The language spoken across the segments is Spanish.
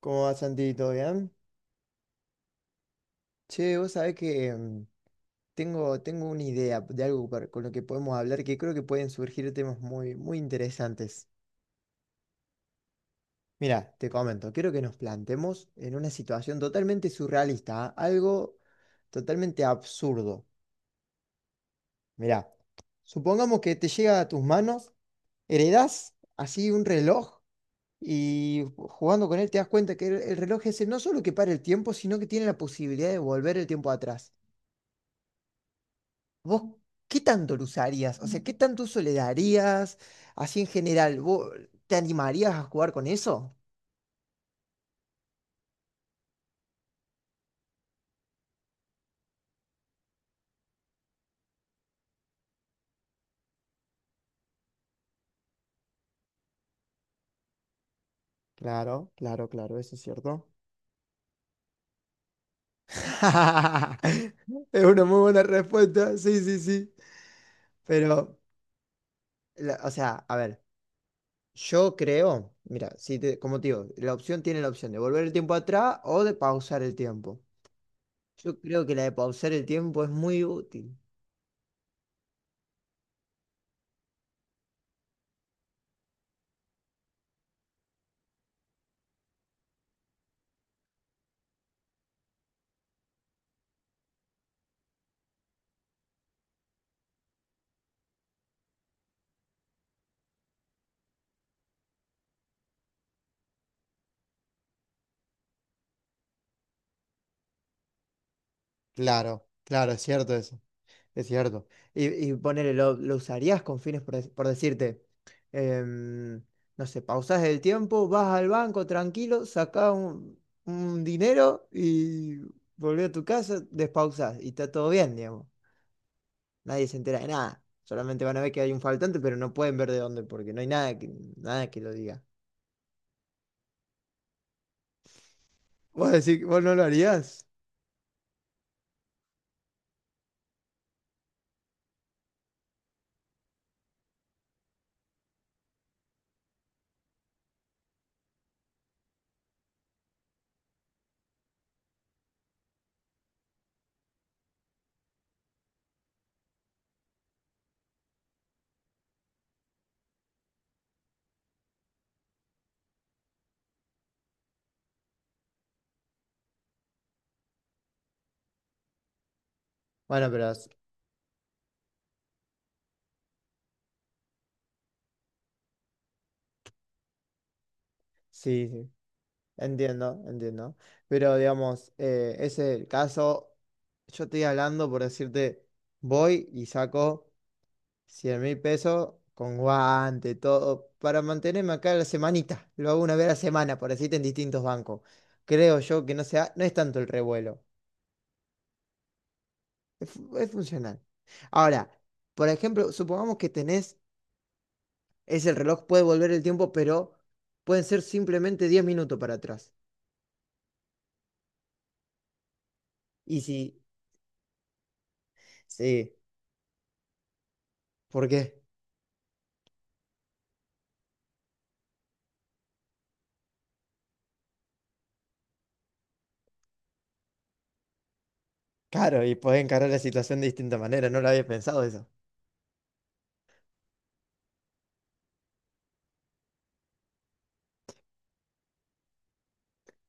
¿Cómo va, Santi? ¿Todo bien? Che, vos sabés que tengo una idea de algo con lo que podemos hablar que creo que pueden surgir temas muy, muy interesantes. Mira, te comento, quiero que nos planteemos en una situación totalmente surrealista, ¿ah? Algo totalmente absurdo. Mira, supongamos que te llega a tus manos, heredás así un reloj y jugando con él te das cuenta que el reloj ese no solo que para el tiempo, sino que tiene la posibilidad de volver el tiempo atrás. ¿Vos qué tanto lo usarías? O sea, ¿qué tanto uso le darías? Así en general, ¿vos te animarías a jugar con eso? Claro, claro, claro, eso es cierto. Es una muy buena respuesta, sí, sí, sí. Pero, o sea, a ver, yo creo, mira, si te- como te digo, la opción tiene la opción de volver el tiempo atrás o de pausar el tiempo. Yo creo que la de pausar el tiempo es muy útil. Claro, claro, es cierto eso. Es cierto. Y ponele, lo usarías con fines, por decirte, em, no sé, pausás el tiempo, vas al banco tranquilo, sacás un dinero y volvés a tu casa, despausás y está todo bien, digamos. Nadie se entera de nada. Solamente van a ver que hay un faltante, pero no pueden ver de dónde, porque no hay nada que lo diga. Vos decís, vos no lo harías. Bueno, pero sí, sí. Entiendo, entiendo. Pero digamos, ese es el caso. Yo estoy hablando por decirte, voy y saco 100.000 pesos con guante, todo, para mantenerme acá la semanita. Lo hago una vez a la semana, por decirte, en distintos bancos. Creo yo que no sea, no es tanto el revuelo. Es funcional. Ahora, por ejemplo, supongamos que tenés, es el reloj, puede volver el tiempo, pero pueden ser simplemente 10 minutos para atrás. Y si, sí, ¿por qué? Claro, y podés encarar la situación de distinta manera, no lo había pensado eso.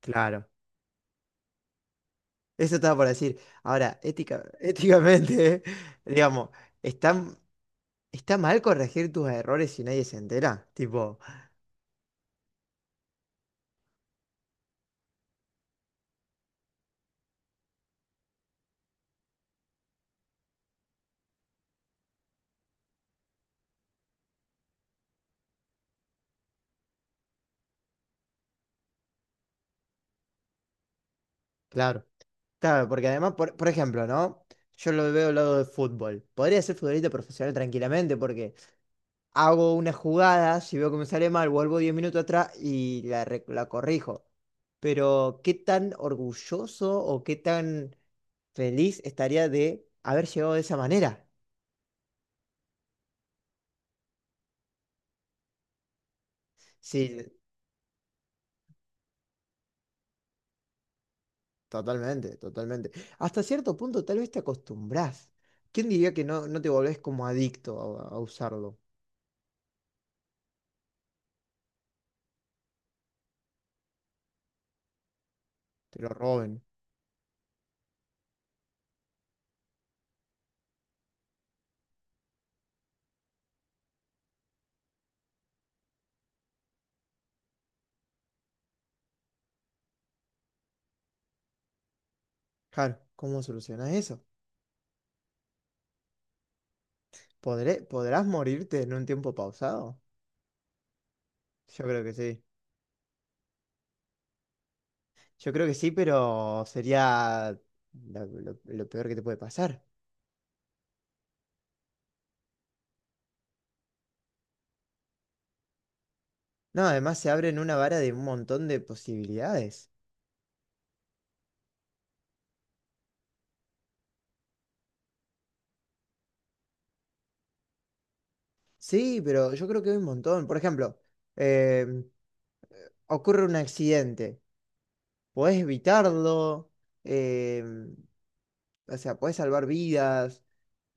Claro, eso estaba por decir. Ahora, éticamente, digamos, ¿está, está mal corregir tus errores si nadie se entera? Tipo, claro. Claro, porque además, por ejemplo, ¿no? Yo lo veo al lado del fútbol. Podría ser futbolista profesional tranquilamente porque hago una jugada, si veo que me sale mal, vuelvo 10 minutos atrás y la corrijo. Pero, ¿qué tan orgulloso o qué tan feliz estaría de haber llegado de esa manera? Sí, totalmente, totalmente. Hasta cierto punto tal vez te acostumbrás. ¿Quién diría que no, no te volvés como adicto a usarlo? Te lo roben. Claro, ¿cómo solucionás eso? ¿Podrás morirte en un tiempo pausado? Yo creo que sí. Yo creo que sí, pero sería lo peor que te puede pasar. No, además se abren una vara de un montón de posibilidades. Sí, pero yo creo que hay un montón. Por ejemplo, em, ocurre un accidente, podés evitarlo, em, o sea, podés salvar vidas,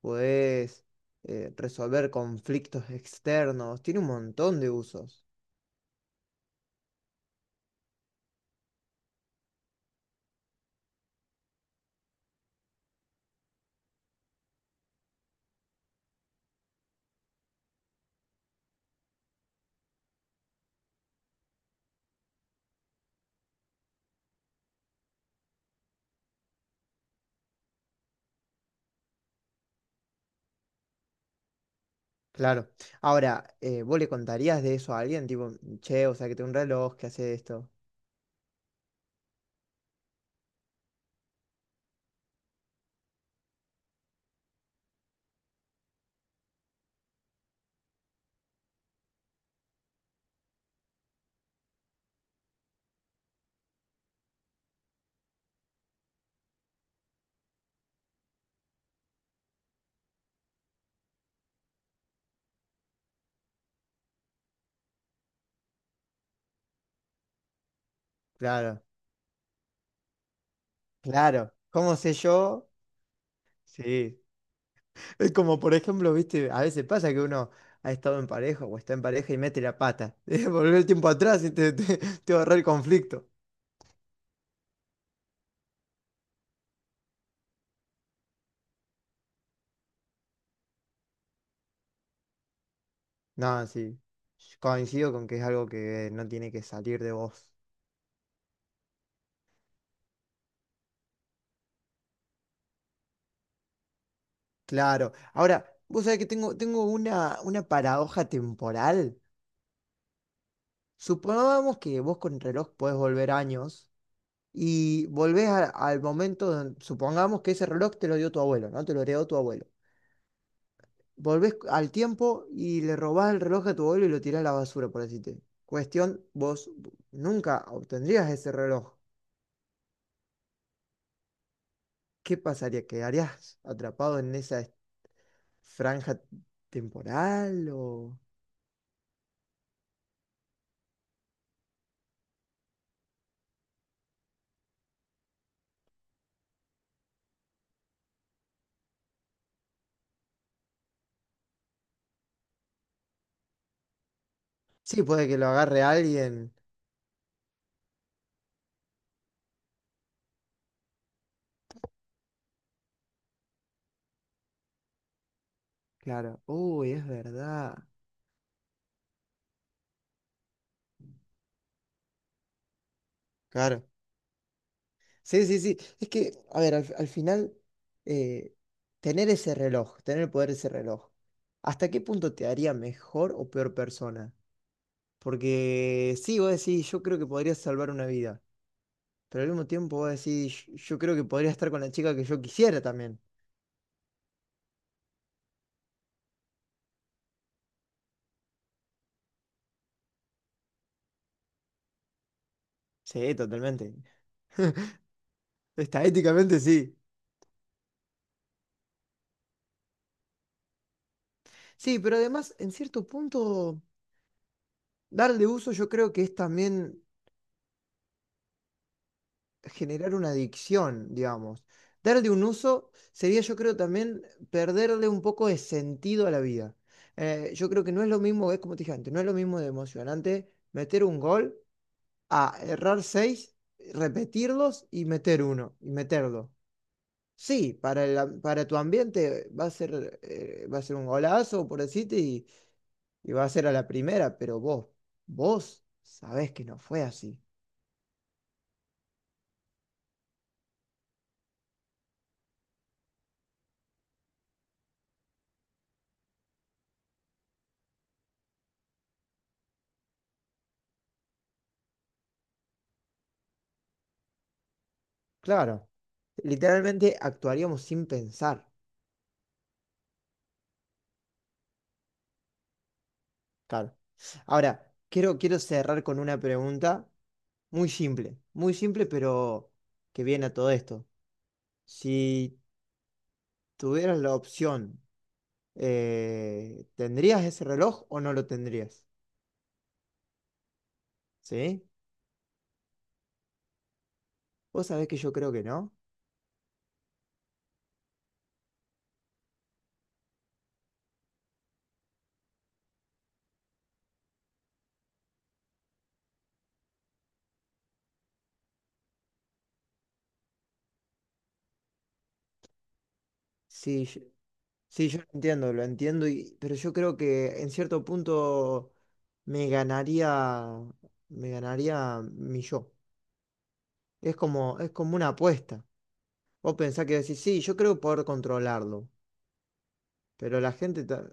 podés resolver conflictos externos, tiene un montón de usos. Claro. Ahora, ¿vos le contarías de eso a alguien? Tipo, che, o sea, que tengo un reloj que hace esto. Claro, claro. ¿Cómo sé yo? Sí. Es como, por ejemplo, viste, a veces pasa que uno ha estado en pareja o está en pareja y mete la pata. Volver el tiempo atrás y te ahorra el conflicto. No, sí. Coincido con que es algo que no tiene que salir de vos. Claro. Ahora, vos sabés que tengo una paradoja temporal. Supongamos que vos con el reloj podés volver años y volvés al momento, supongamos que ese reloj te lo dio tu abuelo, ¿no? Te lo heredó tu abuelo. Volvés al tiempo y le robás el reloj a tu abuelo y lo tirás a la basura, por decirte. Cuestión, vos nunca obtendrías ese reloj. ¿Qué pasaría? ¿Quedarías atrapado en esa franja temporal o... Sí, puede que lo agarre alguien. Claro. Uy, es verdad. Claro. Sí, sí, sí. Es que, a ver, al final, eh, tener ese reloj, tener el poder de ese reloj, ¿hasta qué punto te haría mejor o peor persona? Porque sí, vos decís, yo creo que podría salvar una vida, pero al mismo tiempo vos decís, yo creo que podría estar con la chica que yo quisiera también. Sí, totalmente. Está sí. Sí, pero además, en cierto punto... Darle uso yo creo que es también generar una adicción, digamos. Darle un uso sería yo creo también perderle un poco de sentido a la vida. Yo creo que no es lo mismo, es como te dije antes, no es lo mismo de emocionante meter un gol a errar seis, repetirlos y meter uno, y meterlo. Sí, para tu ambiente va a ser un golazo, por decirte, y va a ser a la primera, pero vos sabés que no fue así. Claro. Literalmente actuaríamos sin pensar. Claro. Ahora, quiero, quiero cerrar con una pregunta muy simple, pero que viene a todo esto. Si tuvieras la opción, ¿tendrías ese reloj o no lo tendrías? ¿Sí? Vos sabés que yo creo que no. Sí, yo- sí, yo lo entiendo, pero yo creo que en cierto punto me ganaría, me ganaría mi yo. Es como una apuesta. Vos pensás que decís, sí, yo creo poder controlarlo, pero la gente,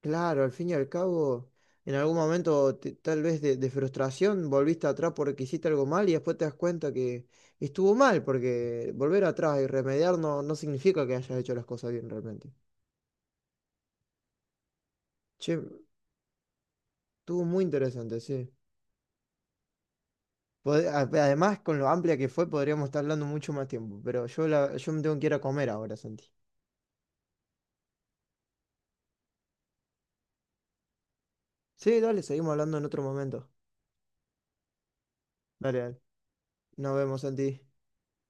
claro, al fin y al cabo, en algún momento tal vez de frustración volviste atrás porque hiciste algo mal y después te das cuenta que estuvo mal, porque volver atrás y remediar no, no significa que hayas hecho las cosas bien realmente. Che, estuvo muy interesante, sí. Además, con lo amplia que fue, podríamos estar hablando mucho más tiempo, pero yo me tengo que ir a comer ahora, Santi. Sí, dale, seguimos hablando en otro momento. Dale, dale. Nos vemos, Santi.